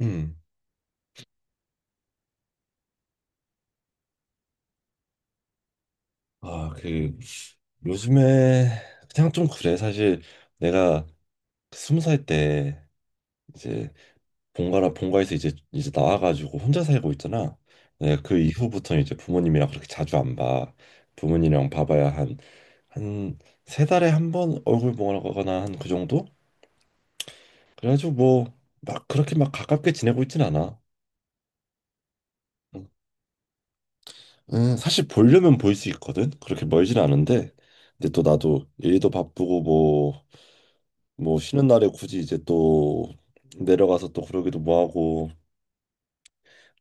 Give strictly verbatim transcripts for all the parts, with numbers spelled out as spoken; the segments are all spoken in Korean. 음. 아, 그 요즘에 그냥 좀 그래. 사실 내가 그 스무 살 때 이제 본가라 본가에서 이제 이제 나와가지고 혼자 살고 있잖아. 내가 그 이후부터는 이제 부모님이랑 그렇게 자주 안 봐. 부모님이랑 봐봐야 한 한 세 달에 한 번 얼굴 보거나 한 그 정도? 그래가지고 뭐 막 그렇게 막 가깝게 지내고 있진 않아. 음, 음, 사실 보려면 볼 수 있거든. 그렇게 멀진 않은데. 근데 또 나도 일도 바쁘고 뭐 뭐 쉬는 날에 굳이 이제 또 내려가서 또 그러기도 뭐하고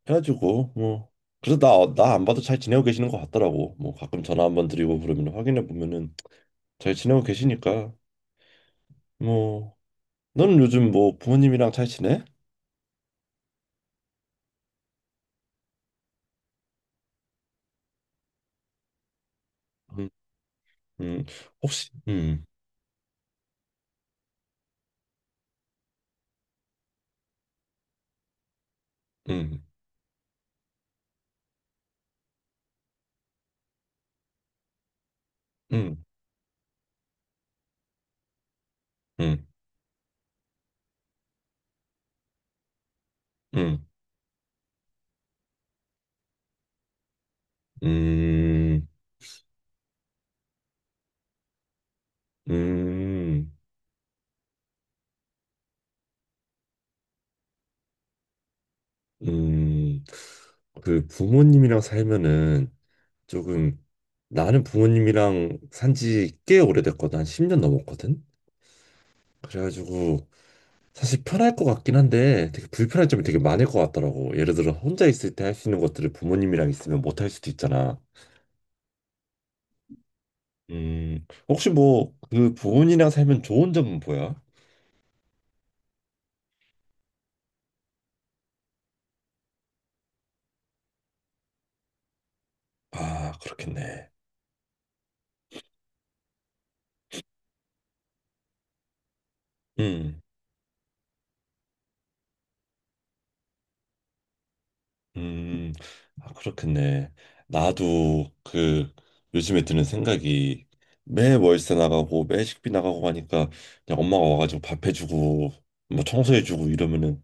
해가지고 뭐. 그래서 나 나 안 봐도 잘 지내고 계시는 것 같더라고. 뭐 가끔 전화 한번 드리고 그러면 확인해 보면은 잘 지내고 계시니까 뭐. 너는 요즘 뭐 부모님이랑 잘 지내? 음, 음 혹시 음 음 음 음 음 음 음 음 그 부모님이랑 살면은 조금 나는 부모님이랑 산지 꽤 오래됐거든. 한 십 년 넘었거든. 그래가지고 사실 편할 것 같긴 한데 되게 불편한 점이 되게 많을 것 같더라고. 예를 들어 혼자 있을 때 할 수 있는 것들을 부모님이랑 있으면 못 할 수도 있잖아. 음, 혹시 뭐 그 부모님이랑 살면 좋은 점은 뭐야? 아, 그렇겠네. 음. 음, 아, 그렇겠네. 나도 그 요즘에 드는 생각이 매 월세 나가고 매 식비 나가고 하니까 그냥 엄마가 와가지고 밥 해주고 뭐 청소해주고 이러면은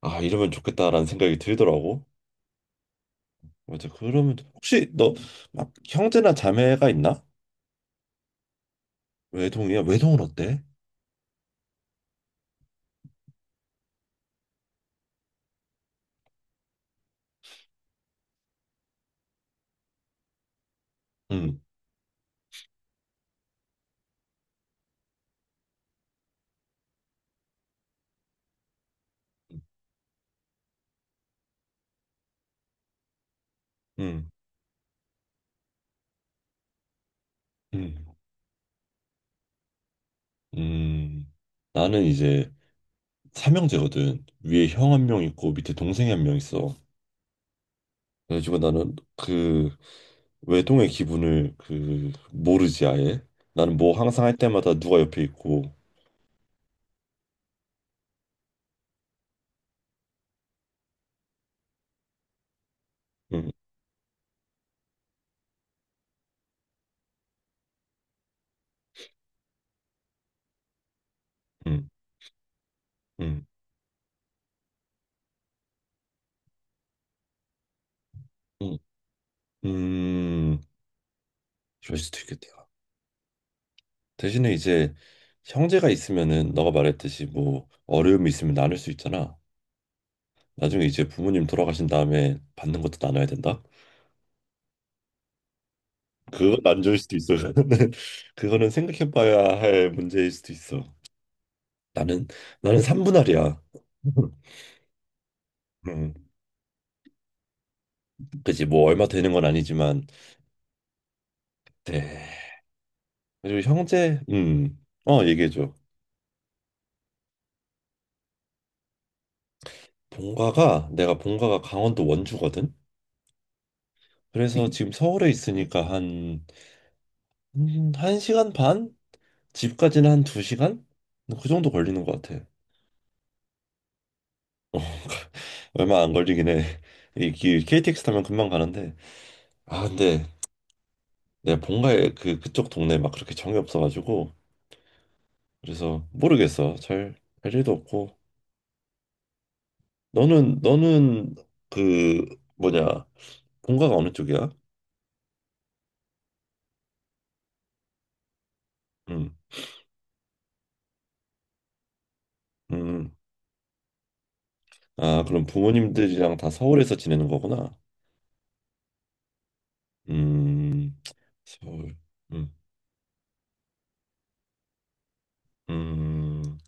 아 이러면 좋겠다라는 생각이 들더라고. 맞아. 그러면 혹시 너 막 형제나 자매가 있나? 외동이야? 외동은 어때? 음, 음, 음, 음. 나는 이제 삼형제거든. 위에 형 한 명 있고 밑에 동생이 한 명 있어. 그래가지고 나는 그 외동의 기분을 그 모르지 아예. 나는 뭐 항상 할 때마다 누가 옆에 있고. 음, 음, 음, 음, 음, 이럴 수도 있겠다. 대신에 이제 형제가 있으면은 너가 말했듯이 뭐 어려움이 있으면 나눌 수 있잖아. 나중에 이제 부모님 돌아가신 다음에 받는 것도 나눠야 된다. 그건 안 좋을 수도 있어. 그거는 그거는 생각해봐야 할 문제일 수도 있어. 나는 나는 삼분할이야. 음, 그지 뭐 얼마 되는 건 아니지만, 네. 그리고 형제, 음, 어, 얘기해줘. 본가가, 내가 본가가 강원도 원주거든? 그래서 지금 서울에 있으니까 한, 음, 한 시간 반? 집까지는 한 두 시간? 그 정도 걸리는 것 같아. 어, 얼마 안 걸리긴 해. 이 기- 케이티엑스 타면 금방 가는데. 아, 근데 내 본가에 그, 그쪽 동네 막 그렇게 정이 없어가지고. 그래서 모르겠어. 잘, 할 일도 없고. 너는, 너는 그, 뭐냐, 본가가 어느 쪽이야? 음. 음. 아, 그럼 부모님들이랑 다 서울에서 지내는 거구나. 음, 서울. 음, 음,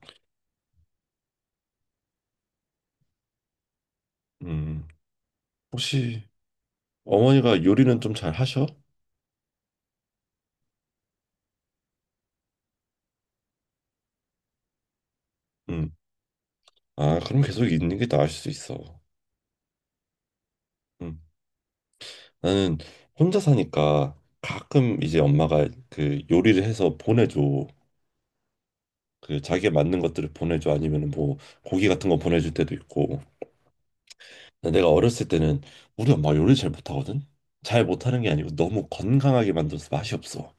음. 혹시 어머니가 요리는 좀 잘 하셔? 음. 아, 그럼 계속 있는 게 나을 수 있어. 음. 나는 혼자 사니까 가끔 이제 엄마가 그 요리를 해서 보내줘. 그 자기가 만든 것들을 보내줘. 아니면은 뭐 고기 같은 거 보내줄 때도 있고. 근데 내가 어렸을 때는 우리 엄마 요리 잘 못하거든. 잘 못하는 게 아니고 너무 건강하게 만들어서 맛이 없어.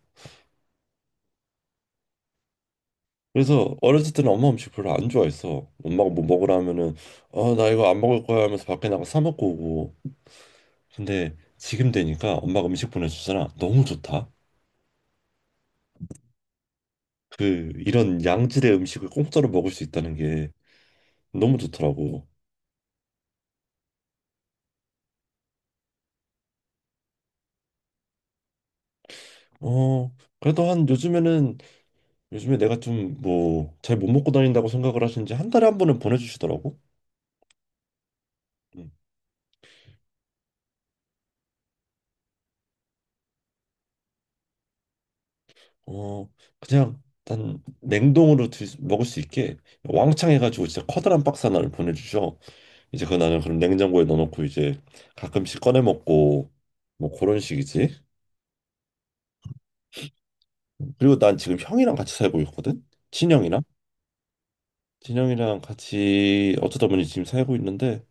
그래서 어렸을 때는 엄마 음식 별로 안 좋아했어. 엄마가 뭐 먹으라 하면은 어 나 이거 안 먹을 거야 하면서 밖에 나가 사 먹고 오고. 근데 지금 되니까 엄마가 음식 보내주잖아. 너무 좋다. 그 이런 양질의 음식을 공짜로 먹을 수 있다는 게 너무 좋더라고. 어, 그래도 한 요즘에는 요즘에 내가 좀 뭐 잘 못 먹고 다닌다고 생각을 하시는지 한 달에 한 번은 보내주시더라고. 음. 어, 그냥 난 냉동으로 드- 먹을 수 있게 왕창 해가지고 진짜 커다란 박스 하나를 보내주셔. 이제 그 나는 그럼 냉장고에 넣어놓고 이제 가끔씩 꺼내 먹고 뭐 그런 식이지. 그리고 난 지금 형이랑 같이 살고 있거든. 친형이랑. 친형이랑 같이 어쩌다 보니 지금 살고 있는데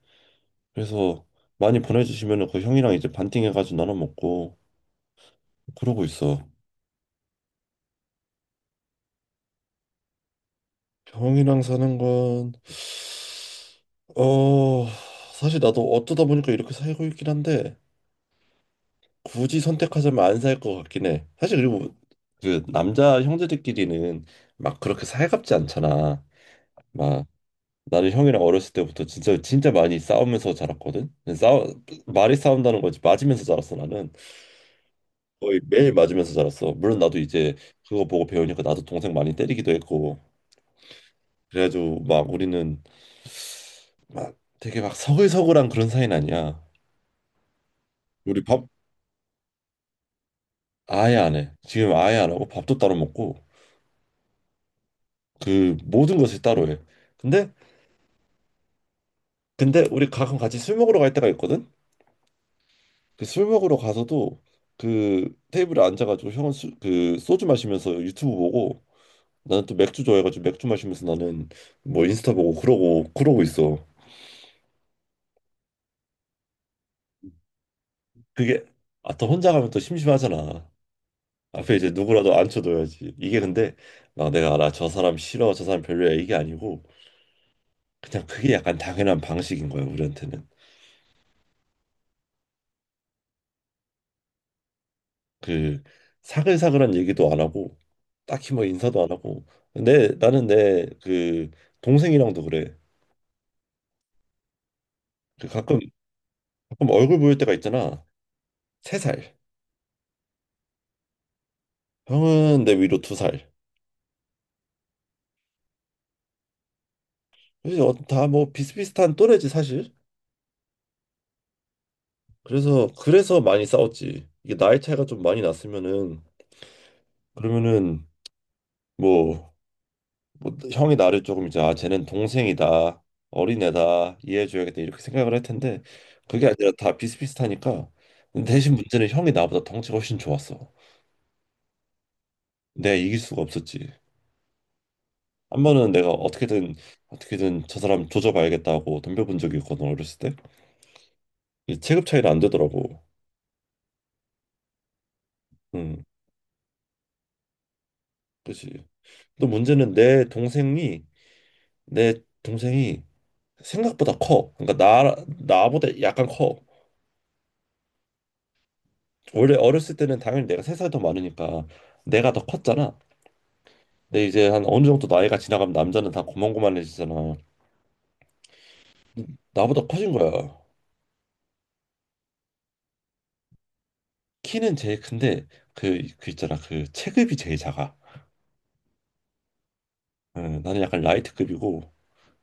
그래서 많이 보내주시면은 그 형이랑 이제 반띵해가지고 나눠 먹고 그러고 있어. 형이랑 사는 건 어, 사실 나도 어쩌다 보니까 이렇게 살고 있긴 한데 굳이 선택하자면 안 살 것 같긴 해. 사실 그리고 그 남자 형제들끼리는 막 그렇게 살갑지 않잖아. 막 나는 형이랑 어렸을 때부터 진짜 진짜 많이 싸우면서 자랐거든. 싸우 말이 싸운다는 거지 맞으면서 자랐어 나는. 거의 매일 맞으면서 자랐어. 물론 나도 이제 그거 보고 배우니까 나도 동생 많이 때리기도 했고. 그래가지고 막 우리는 막 되게 막 서글서글한 그런 사이는 아니야. 우리 밥 아예 안 해. 지금 아예 안 하고 밥도 따로 먹고 그 모든 것을 따로 해. 근데 근데 우리 가끔 같이 술 먹으러 갈 때가 있거든. 그 술 먹으러 가서도 그 테이블에 앉아가지고 형은 수, 그 소주 마시면서 유튜브 보고 나는 또 맥주 좋아해가지고 맥주 마시면서 나는 뭐 인스타 보고 그러고 그러고 있어. 그게 아 또 혼자 가면 또 심심하잖아. 앞에 이제 누구라도 앉혀둬야지. 이게 근데 막 내가 알아 저 사람 싫어 저 사람 별로야 이게 아니고 그냥 그게 약간 당연한 방식인 거야 우리한테는. 그 사글사글한 얘기도 안 하고 딱히 뭐 인사도 안 하고 내 나는 내 그 동생이랑도 그래. 그 가끔 가끔 얼굴 보일 때가 있잖아. 세 살. 형은 내 위로 두 살. 그래서 다뭐 비슷비슷한 또래지 사실. 그래서 그래서 많이 싸웠지. 이게 나이 차이가 좀 많이 났으면은 그러면은 뭐 뭐 형이 나를 조금 이제 아 쟤는 동생이다 어린애다 이해해줘야겠다 이렇게 생각을 할 텐데 그게 아니라 다 비슷비슷하니까. 근데 대신 문제는 형이 나보다 덩치가 훨씬 좋았어. 내가 이길 수가 없었지. 한 번은 내가 어떻게든 어떻게든 저 사람 조져봐야겠다고 덤벼본 적이 있거든 어렸을 때. 이 체급 차이는 안 되더라고 응그지또 문제는 내 동생이 내 동생이 생각보다 커. 그러니까 나 나보다 약간 커. 원래 어렸을 때는 당연히 내가 세 살 더 많으니까 내가 더 컸잖아. 근데 이제 한 어느 정도 나이가 지나가면 남자는 다 고만고만해지잖아. 나보다 커진 거야. 키는 제일 큰데 그, 그 있잖아 그 체급이 제일 작아. 어, 나는 약간 라이트급이고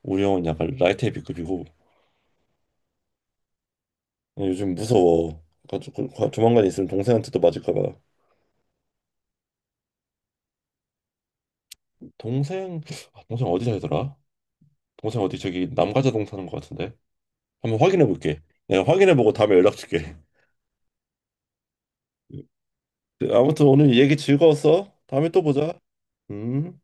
우리 형은 약간 라이트 헤비급이고 어, 요즘 무서워. 가- 조- 가- 조만간 있으면 동생한테도 맞을까 봐. 동생 아, 동생 어디 살더라? 동생 어디 저기 남가자동 사는 것 같은데. 한번 확인해 볼게. 내가 확인해 보고 다음에 연락 줄게. 아무튼 오늘 얘기 즐거웠어. 다음에 또 보자. 음.